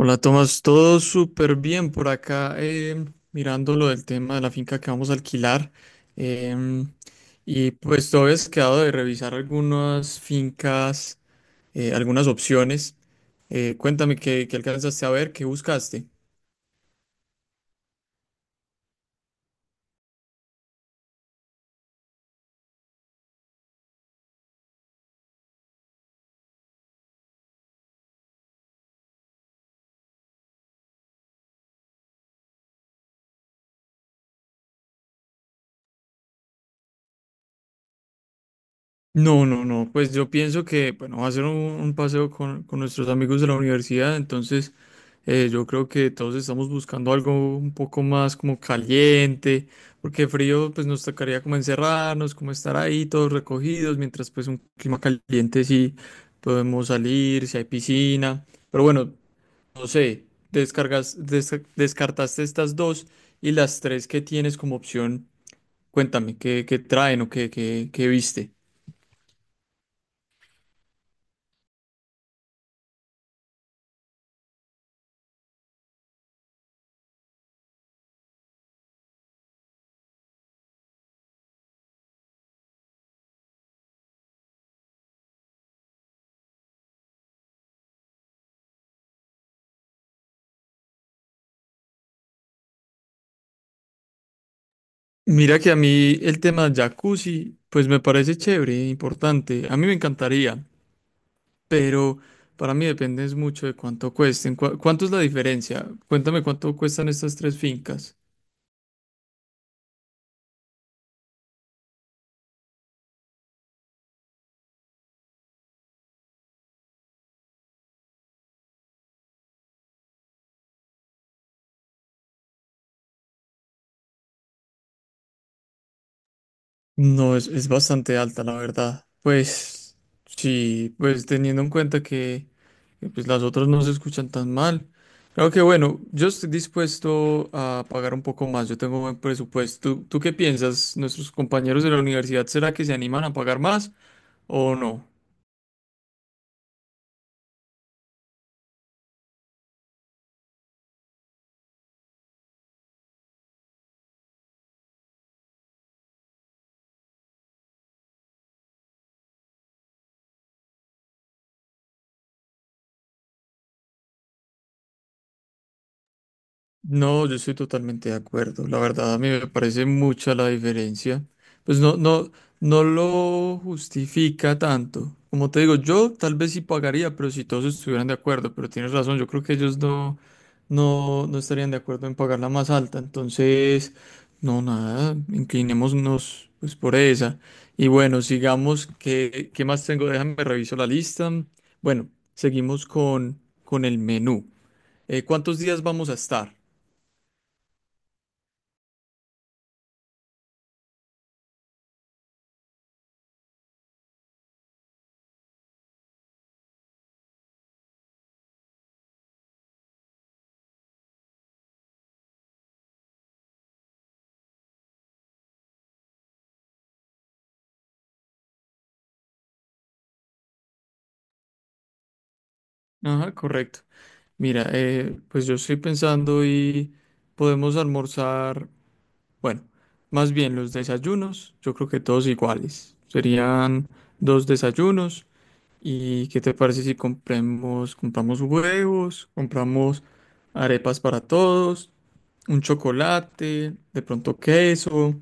Hola Tomás, todo súper bien por acá, mirando lo del tema de la finca que vamos a alquilar. em, y pues todavía has quedado de revisar algunas fincas, algunas opciones. Cuéntame qué alcanzaste a ver, qué buscaste. No, no, no, pues yo pienso que, bueno, va a ser un paseo con nuestros amigos de la universidad, entonces yo creo que todos estamos buscando algo un poco más como caliente, porque frío pues nos tocaría como encerrarnos, como estar ahí todos recogidos, mientras pues un clima caliente sí podemos salir, si hay piscina, pero bueno, no sé, descartaste estas dos y las tres que tienes como opción, cuéntame, ¿qué traen o qué viste? Mira que a mí el tema jacuzzi, pues me parece chévere, e importante. A mí me encantaría, pero para mí depende es mucho de cuánto cuesten. ¿Cuánto es la diferencia? Cuéntame cuánto cuestan estas tres fincas. No, es bastante alta, la verdad. Pues sí, pues teniendo en cuenta que, pues, las otras no se escuchan tan mal. Claro que bueno, yo estoy dispuesto a pagar un poco más, yo tengo buen presupuesto. ¿Tú qué piensas? ¿Nuestros compañeros de la universidad será que se animan a pagar más? ¿O no? No, yo estoy totalmente de acuerdo. La verdad, a mí me parece mucha la diferencia. Pues no, no, no lo justifica tanto. Como te digo, yo tal vez sí pagaría, pero si todos estuvieran de acuerdo, pero tienes razón, yo creo que ellos no, no, no estarían de acuerdo en pagar la más alta. Entonces, no, nada, inclinémonos pues por esa. Y bueno, sigamos. ¿Qué más tengo? Déjame reviso la lista. Bueno, seguimos con el menú. ¿Cuántos días vamos a estar? Ajá, correcto. Mira, pues yo estoy pensando y podemos almorzar, bueno, más bien los desayunos, yo creo que todos iguales. Serían dos desayunos. ¿Y qué te parece si compramos huevos, compramos arepas para todos, un chocolate, de pronto queso,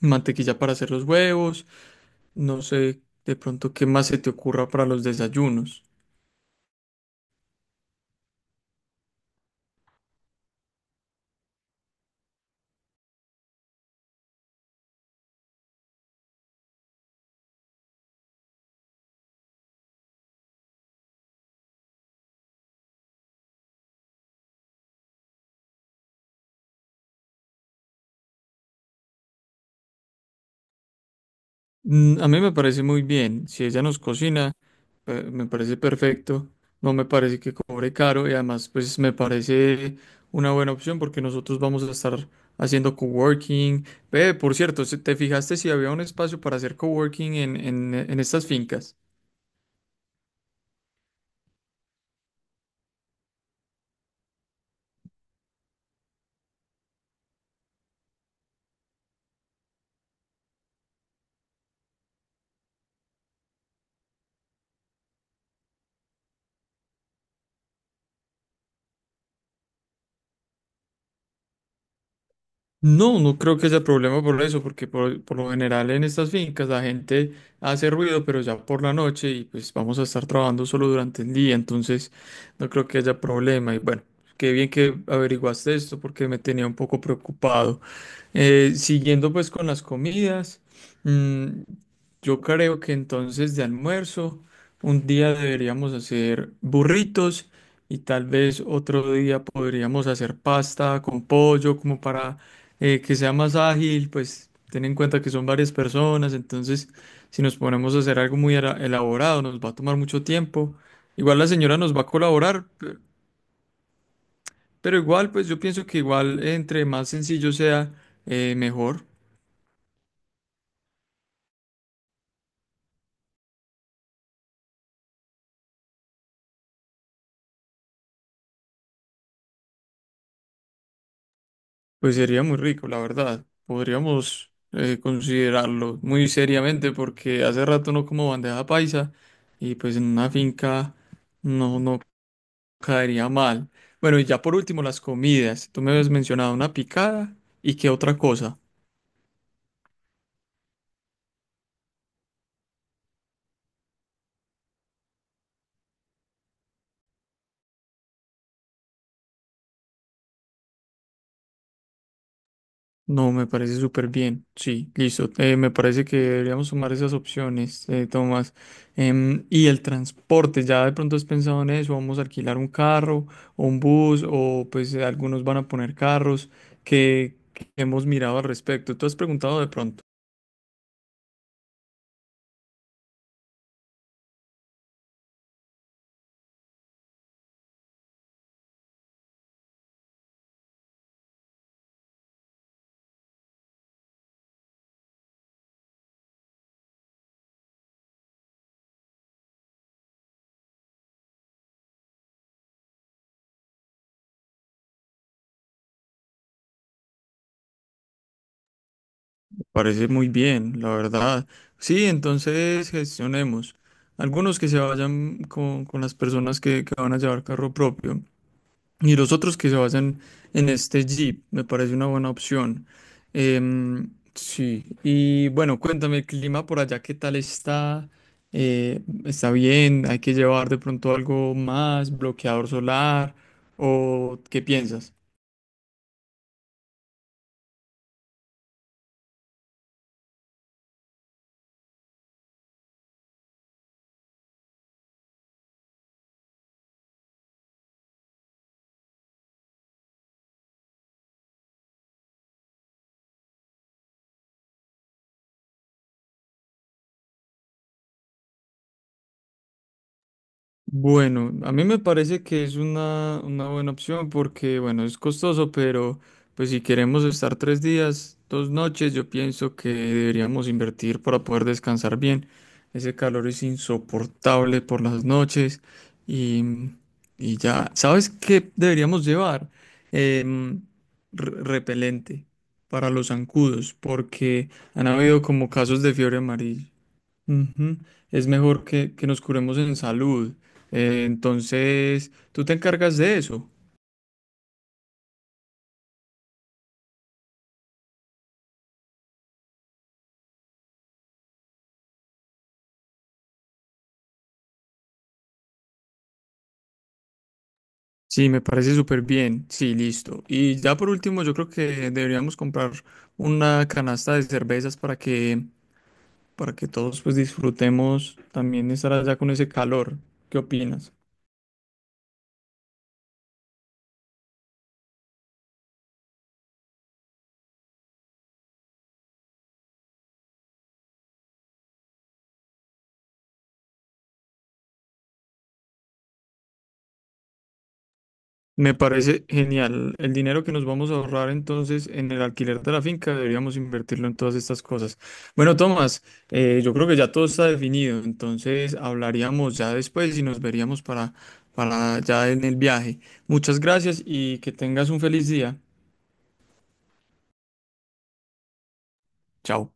mantequilla para hacer los huevos? No sé, de pronto qué más se te ocurra para los desayunos. A mí me parece muy bien. Si ella nos cocina, me parece perfecto. No me parece que cobre caro y además pues me parece una buena opción porque nosotros vamos a estar haciendo coworking. Ve, por cierto, ¿Te fijaste si había un espacio para hacer coworking en estas fincas? No, no creo que sea problema por eso, porque por lo general en estas fincas la gente hace ruido, pero ya por la noche y pues vamos a estar trabajando solo durante el día, entonces no creo que haya problema. Y bueno, qué bien que averiguaste esto porque me tenía un poco preocupado. Siguiendo pues con las comidas, mm, yo creo que entonces de almuerzo un día deberíamos hacer burritos y tal vez otro día podríamos hacer pasta con pollo como para que sea más ágil, pues ten en cuenta que son varias personas, entonces si nos ponemos a hacer algo muy elaborado nos va a tomar mucho tiempo. Igual la señora nos va a colaborar, pero igual pues yo pienso que igual entre más sencillo sea, mejor. Pues sería muy rico, la verdad. Podríamos, considerarlo muy seriamente porque hace rato no como bandeja paisa y pues en una finca no, no caería mal. Bueno, y ya por último las comidas. Tú me habías mencionado una picada y qué otra cosa. No, me parece súper bien. Sí, listo. Me parece que deberíamos sumar esas opciones, Tomás. Y el transporte, ¿ya de pronto has pensado en eso? ¿Vamos a alquilar un carro o un bus? O pues algunos van a poner carros. ¿Que hemos mirado al respecto? ¿Tú has preguntado de pronto? Me parece muy bien, la verdad. Sí, entonces gestionemos. Algunos que se vayan con las personas que van a llevar carro propio. Y los otros que se basan en este Jeep, me parece una buena opción. Sí, y bueno, cuéntame, el clima por allá, ¿qué tal está? ¿Está bien? ¿Hay que llevar de pronto algo más, bloqueador solar? ¿O qué piensas? Bueno, a mí me parece que es una buena opción porque, bueno, es costoso, pero pues si queremos estar 3 días, 2 noches, yo pienso que deberíamos invertir para poder descansar bien. Ese calor es insoportable por las noches y, y ya, ¿sabes qué deberíamos llevar? Em, repelente para los zancudos porque han habido como casos de fiebre amarilla. Ujú. Es mejor que nos curemos en salud. Entonces, tú te encargas de eso. Sí, me parece súper bien. Sí, listo. Y ya por último, yo creo que deberíamos comprar una canasta de cervezas para que todos pues disfrutemos también estar allá con ese calor. ¿Qué opinas? Me parece genial. El dinero que nos vamos a ahorrar entonces en el alquiler de la finca deberíamos invertirlo en todas estas cosas. Bueno, Tomás, yo creo que ya todo está definido, entonces hablaríamos ya después y nos veríamos para ya en el viaje. Muchas gracias y que tengas un feliz día. Chao.